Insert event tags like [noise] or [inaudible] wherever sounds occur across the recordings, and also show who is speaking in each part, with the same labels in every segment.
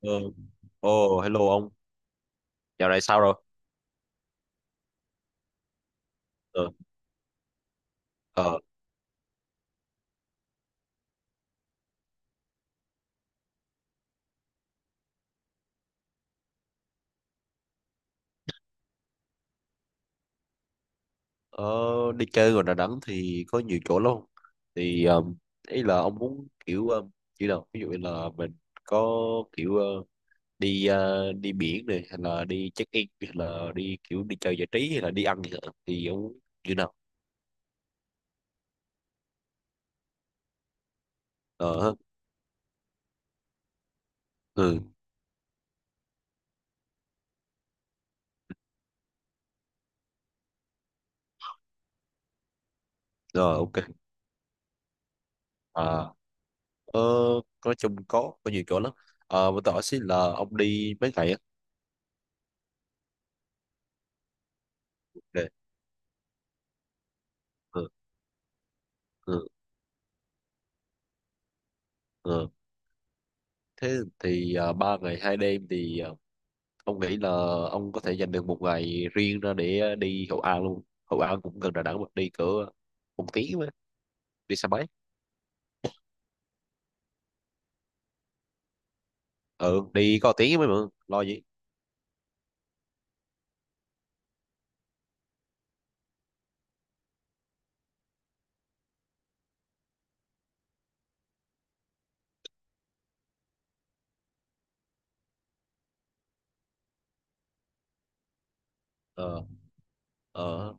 Speaker 1: Ờ. Ồ, hello ông. Dạo này sao rồi? Ờ, ờ, ở đi chơi ngoài Đà Nẵng thì có nhiều chỗ lắm. Thì ý là ông muốn kiểu như nào? Ví dụ như là mình có kiểu đi biển này, hay là đi check-in, hay là đi kiểu đi chơi giải trí, hay là đi ăn gì đó. Thì ông muốn như nào? Ờ, ha. Ừ, rồi ok. À, ờ, nói chung có nhiều chỗ lắm. Mà tôi hỏi xin là ông đi mấy ngày á? Để- Ừ, ừ, ừ. Thế thì 3 ngày 2 đêm thì ông nghĩ là ông có thể dành được một ngày riêng ra để đi Hội An luôn. Hội An cũng gần Đà Nẵng, mà đi cỡ 1 tiếng, mà đi xe máy. Ừ, đi có tiếng mới mà lo gì. Ờ, ờ,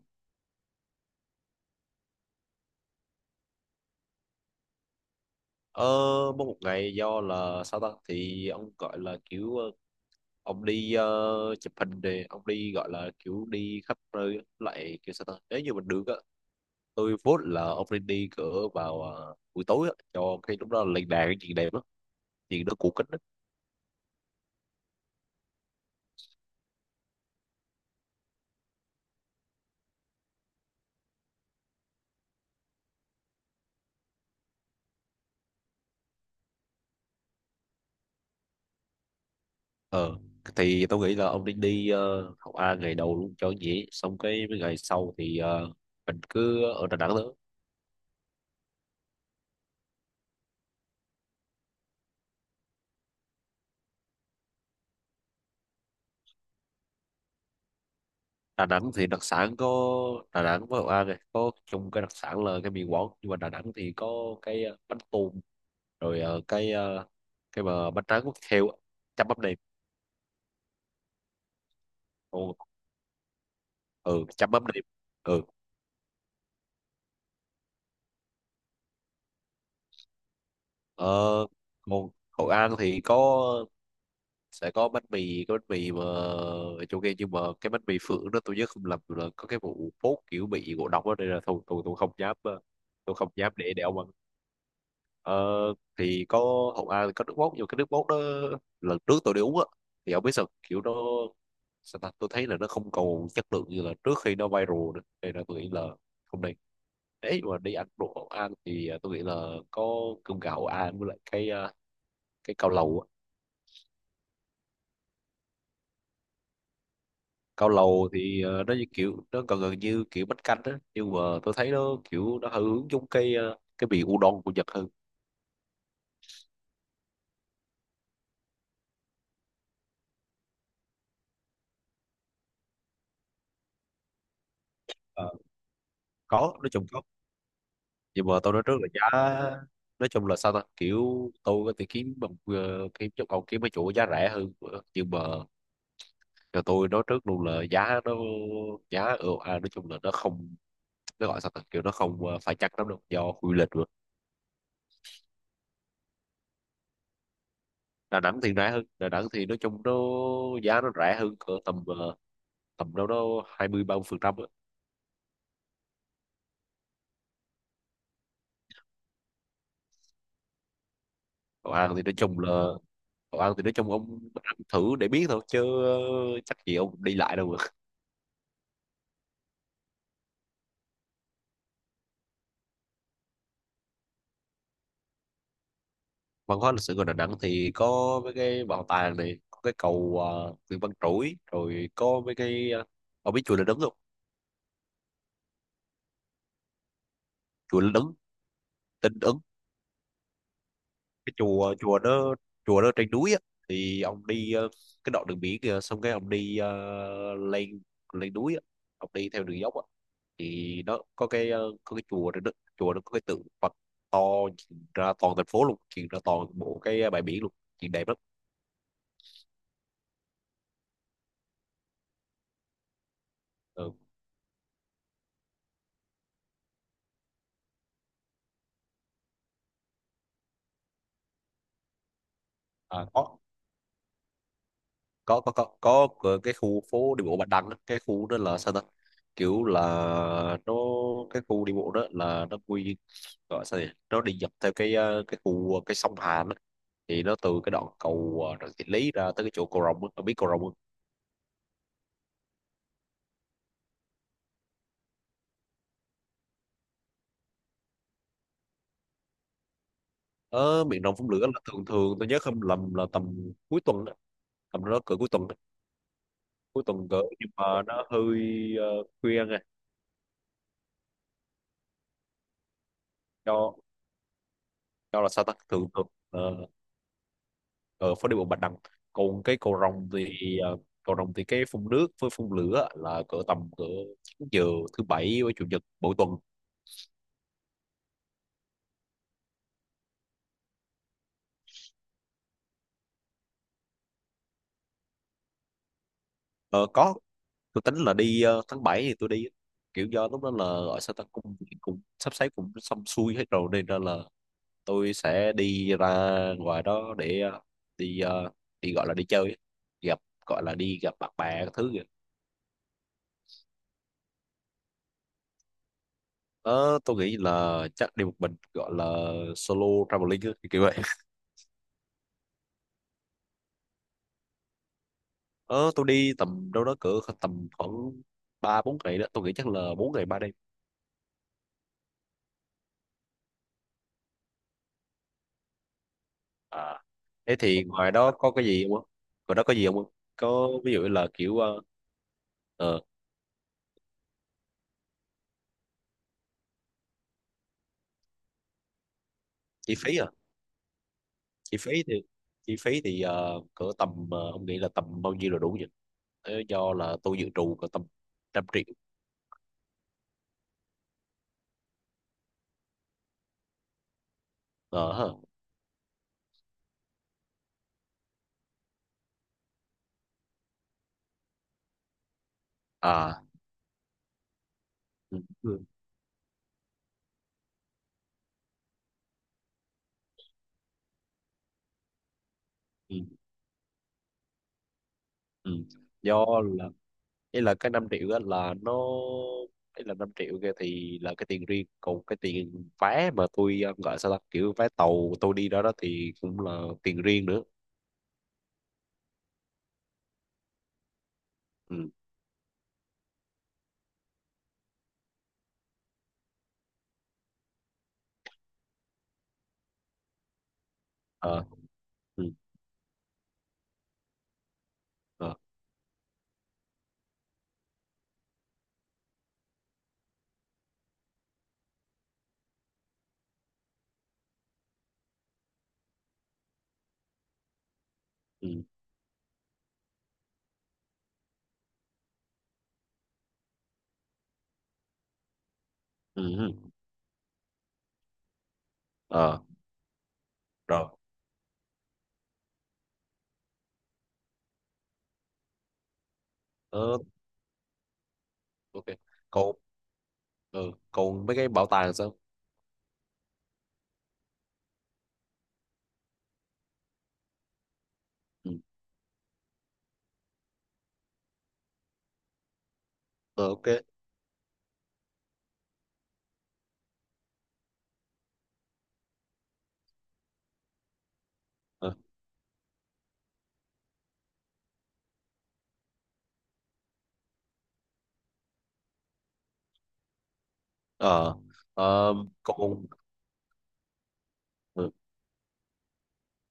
Speaker 1: ờ, mỗi một ngày do là sao ta, thì ông gọi là kiểu ông đi chụp hình thì ông đi gọi là kiểu đi khắp nơi á. Lại kiểu sao ta, nếu như mình được á, tôi vote là ông nên đi cỡ vào buổi tối á, cho cái lúc đó là lên đèn cái chuyện đẹp lắm, chuyện đó cổ kính á. Ờ, thì tao nghĩ là ông nên đi học A ngày đầu luôn cho dễ, xong cái mấy ngày sau thì mình cứ ở Đà Nẵng nữa. Đà Nẵng thì đặc sản có. Đà Nẵng với Hội An này có chung cái đặc sản là cái mì Quảng, nhưng mà Đà Nẵng thì có cái bánh tùm, rồi cái mà bánh tráng quốc heo á, chấm mắm nêm. Ừ, ừ chấm mắm nêm. Ừ. ờ, còn Hội An thì có, sẽ có bánh mì, cái bánh mì mà ở chỗ kia, nhưng mà cái bánh mì phượng đó tôi nhớ không lầm là có cái vụ phốt kiểu bị ngộ độc đó. Đây là tôi không dám, tôi không dám để ông ăn. Ờ, thì có, hậu A thì có nước mốt, nhưng mà cái nước mốt đó lần trước tôi đi uống á, thì ông biết sao, kiểu nó sao ta, tôi thấy là nó không còn chất lượng như là trước khi nó viral nữa, nên là tôi nghĩ là không nên. Ấy mà đi ăn đồ hậu A thì tôi nghĩ là có cơm gạo hậu A, với lại cái cao lầu á. Cao lầu thì nó như kiểu nó gần gần như kiểu bánh canh á, nhưng mà tôi thấy nó kiểu nó hơi hướng giống cái vị udon của Nhật hơn. Ờ, có nói chung có. Nhưng mà tôi nói trước là giá, nói chung là sao ta, kiểu tôi có thể kiếm bằng kiếm chỗ, còn kiếm mấy chỗ giá rẻ hơn, nhưng mà cho tôi nói trước luôn là giá nó, giá ở à, nói chung là nó không, nó gọi sao ta, kiểu nó không phải chắc lắm đâu do quy lịch rồi. Đà Nẵng thì rẻ hơn. Đà Nẵng thì nói chung nó giá nó rẻ hơn cỡ tầm tầm đâu đó 20-30%. Cậu ăn thì nói chung là, cậu ăn thì nói chung ông ăn thử để biết thôi chứ, chắc gì ông đi lại đâu mà [laughs] văn hóa lịch sử của Đà Nẵng thì có mấy cái bảo tàng này, có cái cầu Nguyễn Văn Trỗi, rồi có mấy cái. Ờ, ông biết chùa Linh Ứng không? Chùa Linh Ứng. Tinh Ứng. Cái chùa chùa đó, chùa đó trên núi á, thì ông đi cái đoạn đường biển kìa, xong cái ông đi lên lên núi á, ông đi theo đường dốc á, thì nó có cái chùa đó, đó chùa nó có cái tượng Phật to, nhìn ra toàn thành phố luôn, nhìn ra toàn bộ cái ờ, bãi biển luôn, nhìn đẹp lắm. Ừ. À, có cái khu phố đi bộ Bạch Đằng á. Cái khu đó là sao ta, kiểu là nó, cái khu đi bộ đó là nó quy, gọi sao nhỉ, nó đi dọc theo cái ờ, cái khu ờ, cái sông Hàn á, thì nó từ cái đoạn cầu Trần Thị Lý ra tới cái chỗ cầu Rồng á. Ông biết cầu Rồng không? Ở miền Đông phun lửa là thường thường tôi nhớ không lầm là tầm cuối tuần á. Tầm đó cỡ cuối tuần á. Cuối tuần cỡ, nhưng mà nó hơi ờ, khuya nghe. Cho cho là sao ta, thường thường. Ờ, ở phố đi bộ Bạch Đằng. Còn cái cầu Rồng thì cái phun nước với phun lửa là cỡ tầm cỡ 9 giờ, thứ bảy với chủ nhật mỗi tuần. Ờ, có, tôi tính là đi tháng 7 thì tôi đi, kiểu do lúc đó là ở sao ta cũng cũng sắp xếp cũng xong xuôi hết rồi, nên ra là tôi sẽ đi ra ngoài đó để đi đi gọi là đi chơi ấy. gặp Gọi là đi gặp bạn bè các thứ kìa. Ờ, tôi nghĩ là chắc đi một mình, gọi là solo traveling ấy, kiểu vậy. Ờ, tôi đi tầm đâu đó cỡ tầm khoảng 3-4 ngày đó, tôi nghĩ chắc là 4 ngày 3 đêm. À, thế thì ngoài đó có cái gì không ạ? Ngoài đó có gì không ạ? Có, ví dụ là kiểu ờ, chi phí à, chi phí thì chi phí thì cỡ tầm, ông nghĩ là tầm bao nhiêu là đủ nhỉ? Thế do là tôi dự trù cỡ tầm 100 triệu. Ờ ha. À. Ừ, ừ, ừ, ừ. Do là ý là cái 5 triệu á là nó, ý là 5 triệu kia thì là cái tiền riêng, còn cái tiền vé mà tôi gọi sao ta, kiểu vé tàu tôi đi đó đó thì cũng là tiền riêng nữa. Ừ. ờ ừ. ờ ừ, ừ, ừ. ờ Rồi, ờ ok. Còn ờ, còn mấy cái bảo tàng sao? Ừ. ờ ok. ờ ờ ờ, còn ờ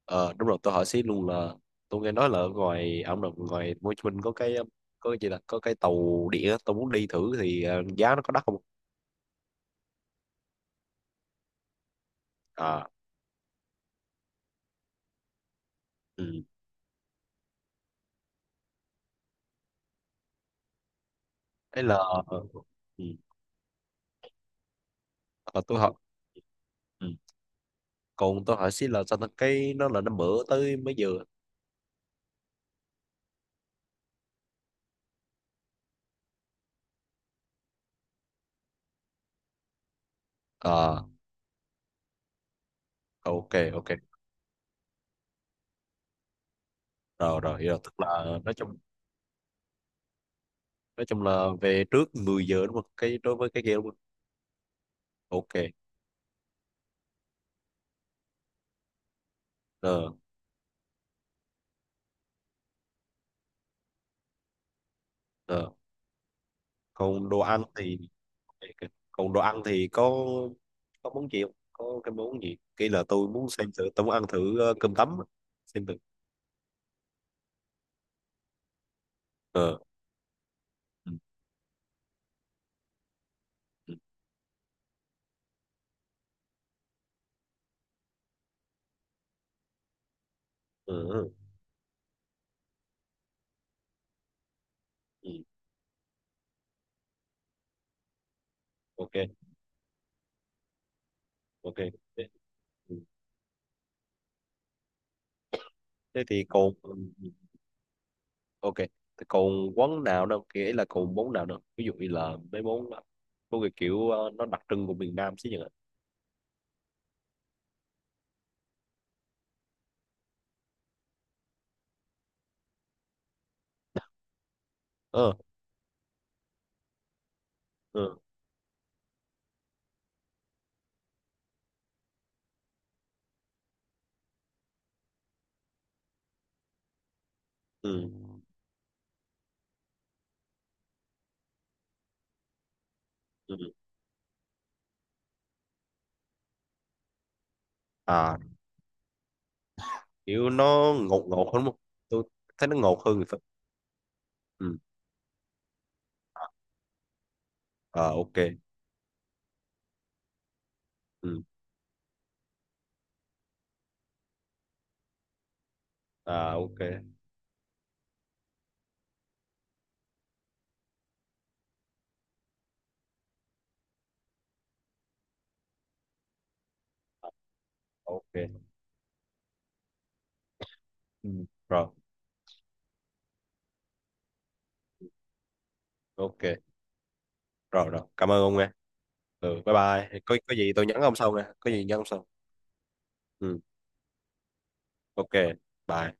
Speaker 1: ờ, đúng rồi tôi hỏi xí luôn là tôi nghe nói là ở ngoài ông đồng, ngoài Hồ Chí Minh có cái gì là có cái tàu điện á, tôi muốn đi thử thì giá nó có đắt không? À. Ừ. Ấy là, ờ, ừ. Ờ, tôi hỏi. Ừ. Còn tôi hỏi xí là sao ta, cái nó là nó mở tới mấy giờ? À, ok, ok. Rồi rồi hiểu rồi, tức là nói chung là về trước 10 giờ đúng không, cái đối với cái game đúng không? Ok. Ờ ờ còn đồ ăn thì ok. Còn đồ ăn thì có món gì không, có cái món gì cái là tôi muốn xem thử, tôi muốn ăn thử cơm tấm á. Xem thử. ờ ừ. Ừ, ừ, ừ. Ừ. Ok, ok thế. Ừ. Thế thì còn, ừ, ừ. Ok. Thế còn quán nào đâu kể là, còn món nào đâu ví dụ như là mấy món món cái kiểu nó đặc trưng của miền Nam chứ nhỉ? ờ ừ, ừ. Ừ. À, kiểu nó ngột ngột hơn không? Tôi thấy nó ngột hơn thì phải. Ừ. À, ok. Ừ. À, ok, ok. Ừ. Rồi, ok. Rồi rồi cảm ơn ông nghe. Ừ, bye bye, có gì tôi nhắn ông sau nghe, có gì nhắn ông sau. Ừ. Ok bye.